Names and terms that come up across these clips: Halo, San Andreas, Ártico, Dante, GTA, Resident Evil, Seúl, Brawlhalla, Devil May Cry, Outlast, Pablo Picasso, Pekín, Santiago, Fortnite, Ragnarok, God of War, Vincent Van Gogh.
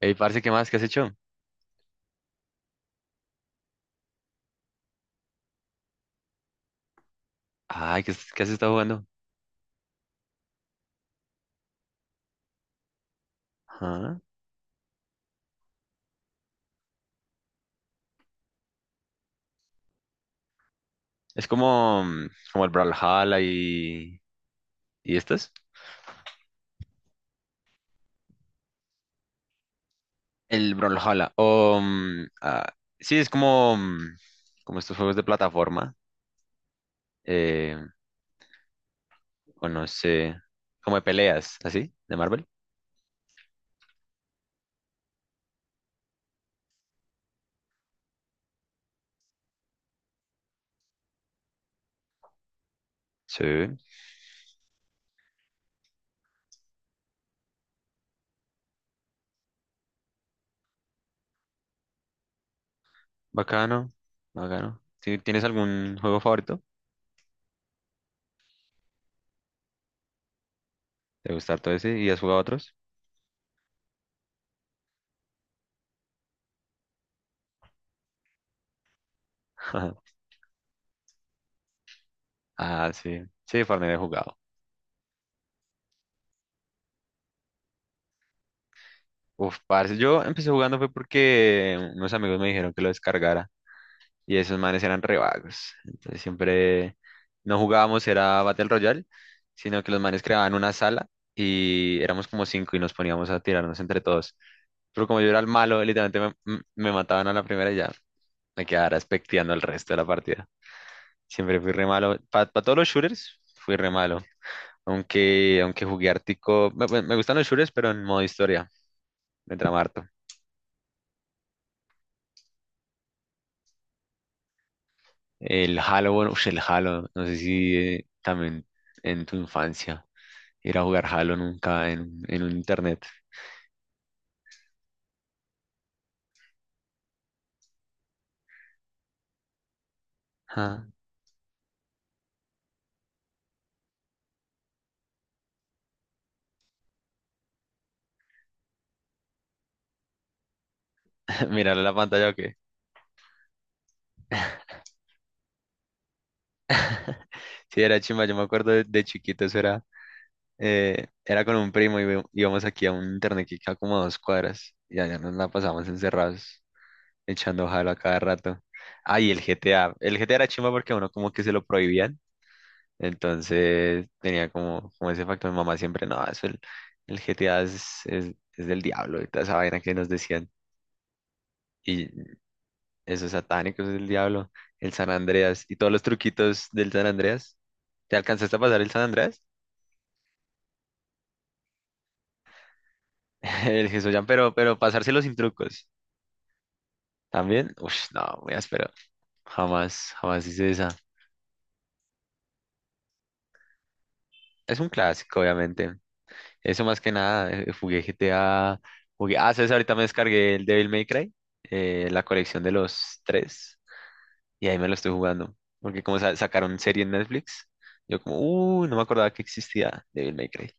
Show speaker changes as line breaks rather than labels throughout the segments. Ey, parce, ¿qué más? ¿Qué has hecho? Ay, ¿ qué has estado jugando? Ajá. Es como, como el Brawlhalla y... ¿Y estos? El Brawlhalla. O, sí, es como, como estos juegos de plataforma. eh, o no sé. Como de peleas, ¿así? ¿De Marvel? Sí. Bacano. Bacano. ¿Tienes algún juego favorito? ¿Te gusta todo ese? ¿Y has jugado otros? Ah, sí. Sí, Fortnite he jugado. Uf, parce, yo empecé jugando fue porque unos amigos me dijeron que lo descargara y esos manes eran re vagos. Entonces siempre no jugábamos, era Battle Royale, sino que los manes creaban una sala y éramos como cinco y nos poníamos a tirarnos entre todos. Pero como yo era el malo, literalmente me mataban a la primera y ya me quedara expecteando el resto de la partida. Siempre fui re malo. Para todos los shooters, fui re malo. Aunque jugué Ártico, me gustan los shooters, pero en modo historia, me trama harto. El Halo, bueno, ush, el Halo, no sé si también en tu infancia ir a jugar Halo nunca en un internet. Ah, mirar la pantalla o qué. Sí, era chimba, yo me acuerdo de chiquito, eso era, era con un primo y íbamos aquí a un internet que queda como a 2 cuadras y allá nos la pasábamos encerrados echando Halo a cada rato. Ay, el GTA, el GTA era chimba porque a uno como que se lo prohibían. Entonces tenía como ese factor. Mi mamá siempre, no, eso el GTA es del diablo y toda esa vaina que nos decían. Y esos satánicos es del diablo. El San Andreas y todos los truquitos del San Andreas. ¿Te alcanzaste a pasar el San Andreas? El Jesús pero pasárselo sin trucos. También, uff, no, muy áspero. Jamás, jamás hice esa. Es un clásico, obviamente. Eso más que nada, jugué GTA, jugué, ah, ¿sabes? Ahorita me descargué el Devil May Cry, la colección de los tres, y ahí me lo estoy jugando, porque como sacaron serie en Netflix, yo como, no me acordaba que existía Devil May Cry.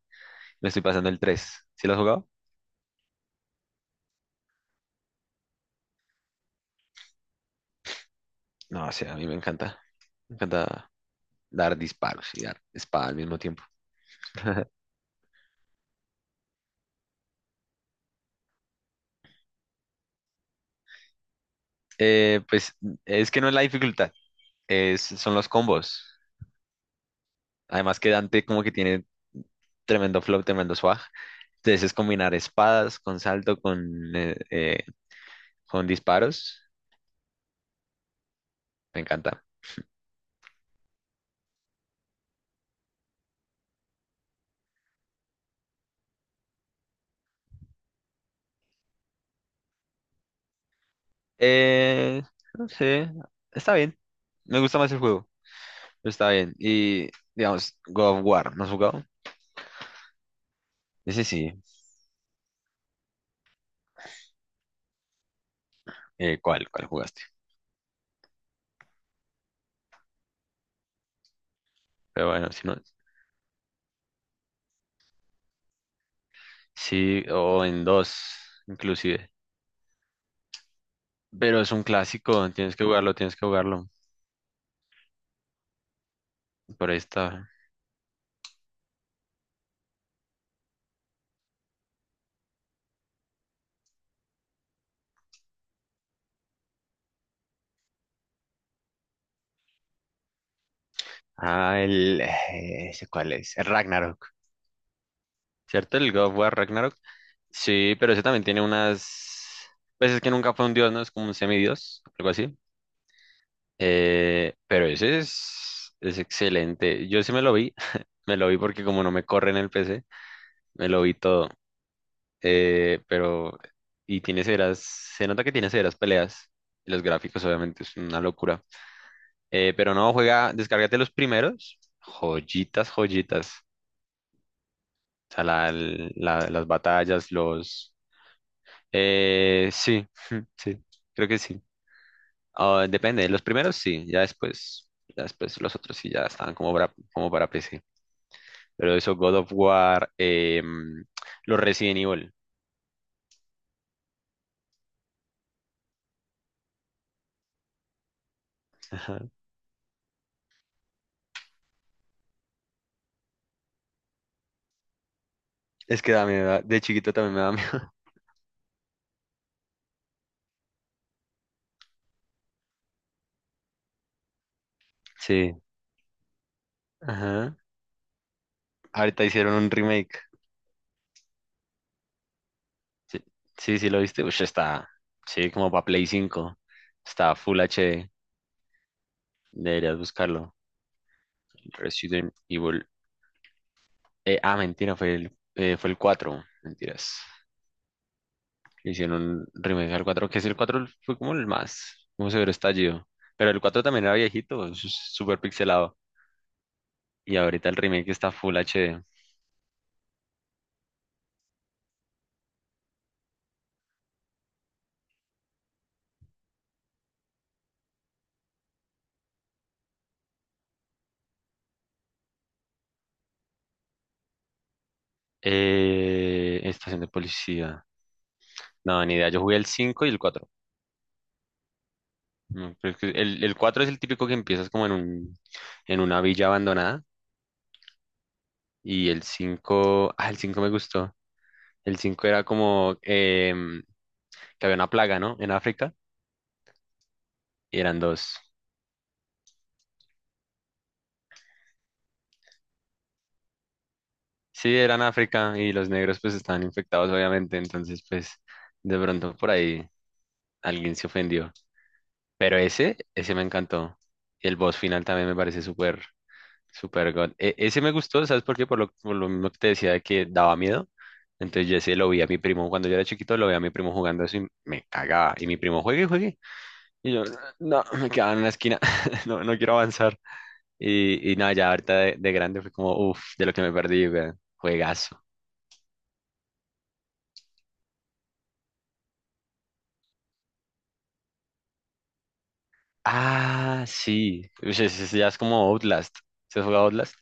Me estoy pasando el tres, ¿sí lo has jugado? No, o sea, a mí me encanta dar disparos y dar espada al mismo tiempo. Pues es que no es la dificultad, es, son los combos. Además que Dante como que tiene tremendo flow, tremendo swag. Entonces es combinar espadas con salto, con disparos. Me encanta. Eh, no sé, está bien. Me gusta más el juego, pero está bien. Y, digamos, God of War, ¿no has jugado? Ese sí. ¿cuál? ¿Cuál jugaste? Pero bueno, si no, sí, o en dos, inclusive. Pero es un clásico, tienes que jugarlo, tienes que jugarlo. Por esta. Ah, el. ¿Ese cuál es? El Ragnarok. ¿Cierto? El God of War Ragnarok. Sí, pero ese también tiene unas... Pues es que nunca fue un dios, ¿no? Es como un semidios, algo así. Pero ese es excelente. Yo sí me lo vi, me lo vi porque como no me corre en el PC, me lo vi todo. Pero... Y tiene severas... Se nota que tiene severas peleas. Y los gráficos obviamente es una locura. Pero no, juega, descárgate los primeros. Joyitas, joyitas. O sea, las batallas, los... sí, sí, creo que sí. Ah, depende, los primeros sí, ya después los otros sí ya estaban como para PC. Pero eso, God of War, los Resident Evil. Ajá. Es que da miedo, de chiquito también me da miedo. Sí. Ajá. Ahorita hicieron un remake. Sí, sí, sí, lo viste. Ush, está, sí, como para Play 5. Está Full HD. Deberías buscarlo. Resident Evil. Ah, mentira, fue fue el cuatro. Mentiras. Hicieron un remake al 4 que es el 4 fue como el más, como severo estallido. Pero el 4 también era viejito, súper pixelado. Y ahorita el remake está Full HD. Estación de policía. No, ni idea. Yo jugué el 5 y el cuatro. No, pero es que el 4 es el típico que empiezas como en una villa abandonada. Y el 5 el 5 me gustó. El 5 era como que había una plaga, ¿no? En África. Y eran dos. Sí, eran África y los negros pues estaban infectados obviamente, entonces pues de pronto por ahí alguien se ofendió. Pero ese me encantó. Y el boss final también me parece súper, súper god. Ese me gustó, ¿sabes por qué? Por lo mismo que te decía de que daba miedo. Entonces yo ese lo vi a mi primo, cuando yo era chiquito lo vi a mi primo jugando eso y me cagaba. Y mi primo, juegue, juegue. Y yo, no, me quedaba en una esquina, no, no quiero avanzar. Y nada, ya ahorita de grande fue como, uff, de lo que me perdí, weón. Juegazo. Ah, sí. Uy, ese ya es como Outlast. ¿Se has jugado Outlast?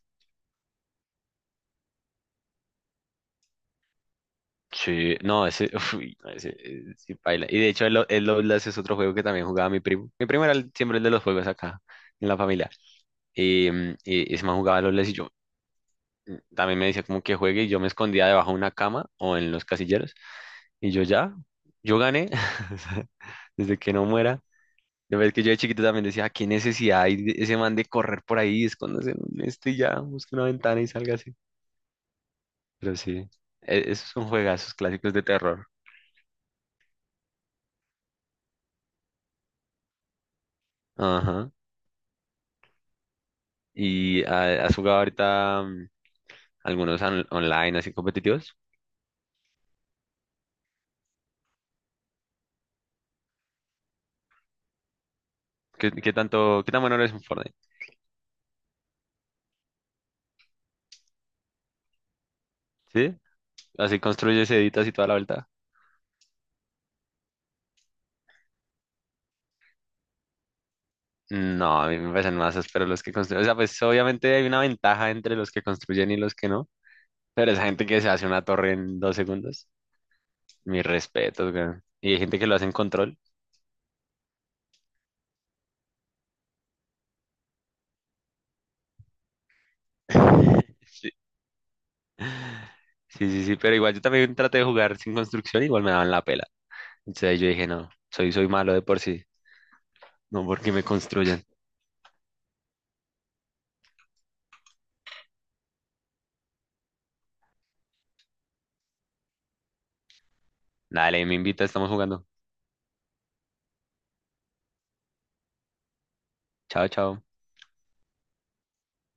Sí, no, ese, uy, no, ese, sí, paila. Y de hecho, el Outlast es otro juego que también jugaba mi primo. Mi primo era siempre el de los juegos acá, en la familia. Y, y ese man jugaba el Outlast y yo también me decía como que juegue y yo me escondía debajo de una cama o en los casilleros. Y yo ya, yo gané. O sea, desde que no muera. De verdad que yo de chiquito también decía: "Ah, ¿qué necesidad hay de ese man de correr por ahí, esconderse en un este y ya, busque una ventana y salga?" Pero sí, esos son juegazos clásicos de terror. Ajá. ¿Y has jugado ahorita algunos online así competitivos? ¿ Qué tan bueno eres en Fortnite? ¿Sí? Así construyes, editas y toda la vuelta. No, a mí me parecen masas, pero los que construyen, o sea, pues obviamente hay una ventaja entre los que construyen y los que no, pero esa gente que se hace una torre en 2 segundos, mis respetos, weón. Y hay gente que lo hace en control. Sí. Sí, sí, sí, pero igual yo también traté de jugar sin construcción, igual me daban la pela. Entonces yo dije, no, soy malo de por sí, no porque me construyan. Dale, me invita, estamos jugando. Chao, chao.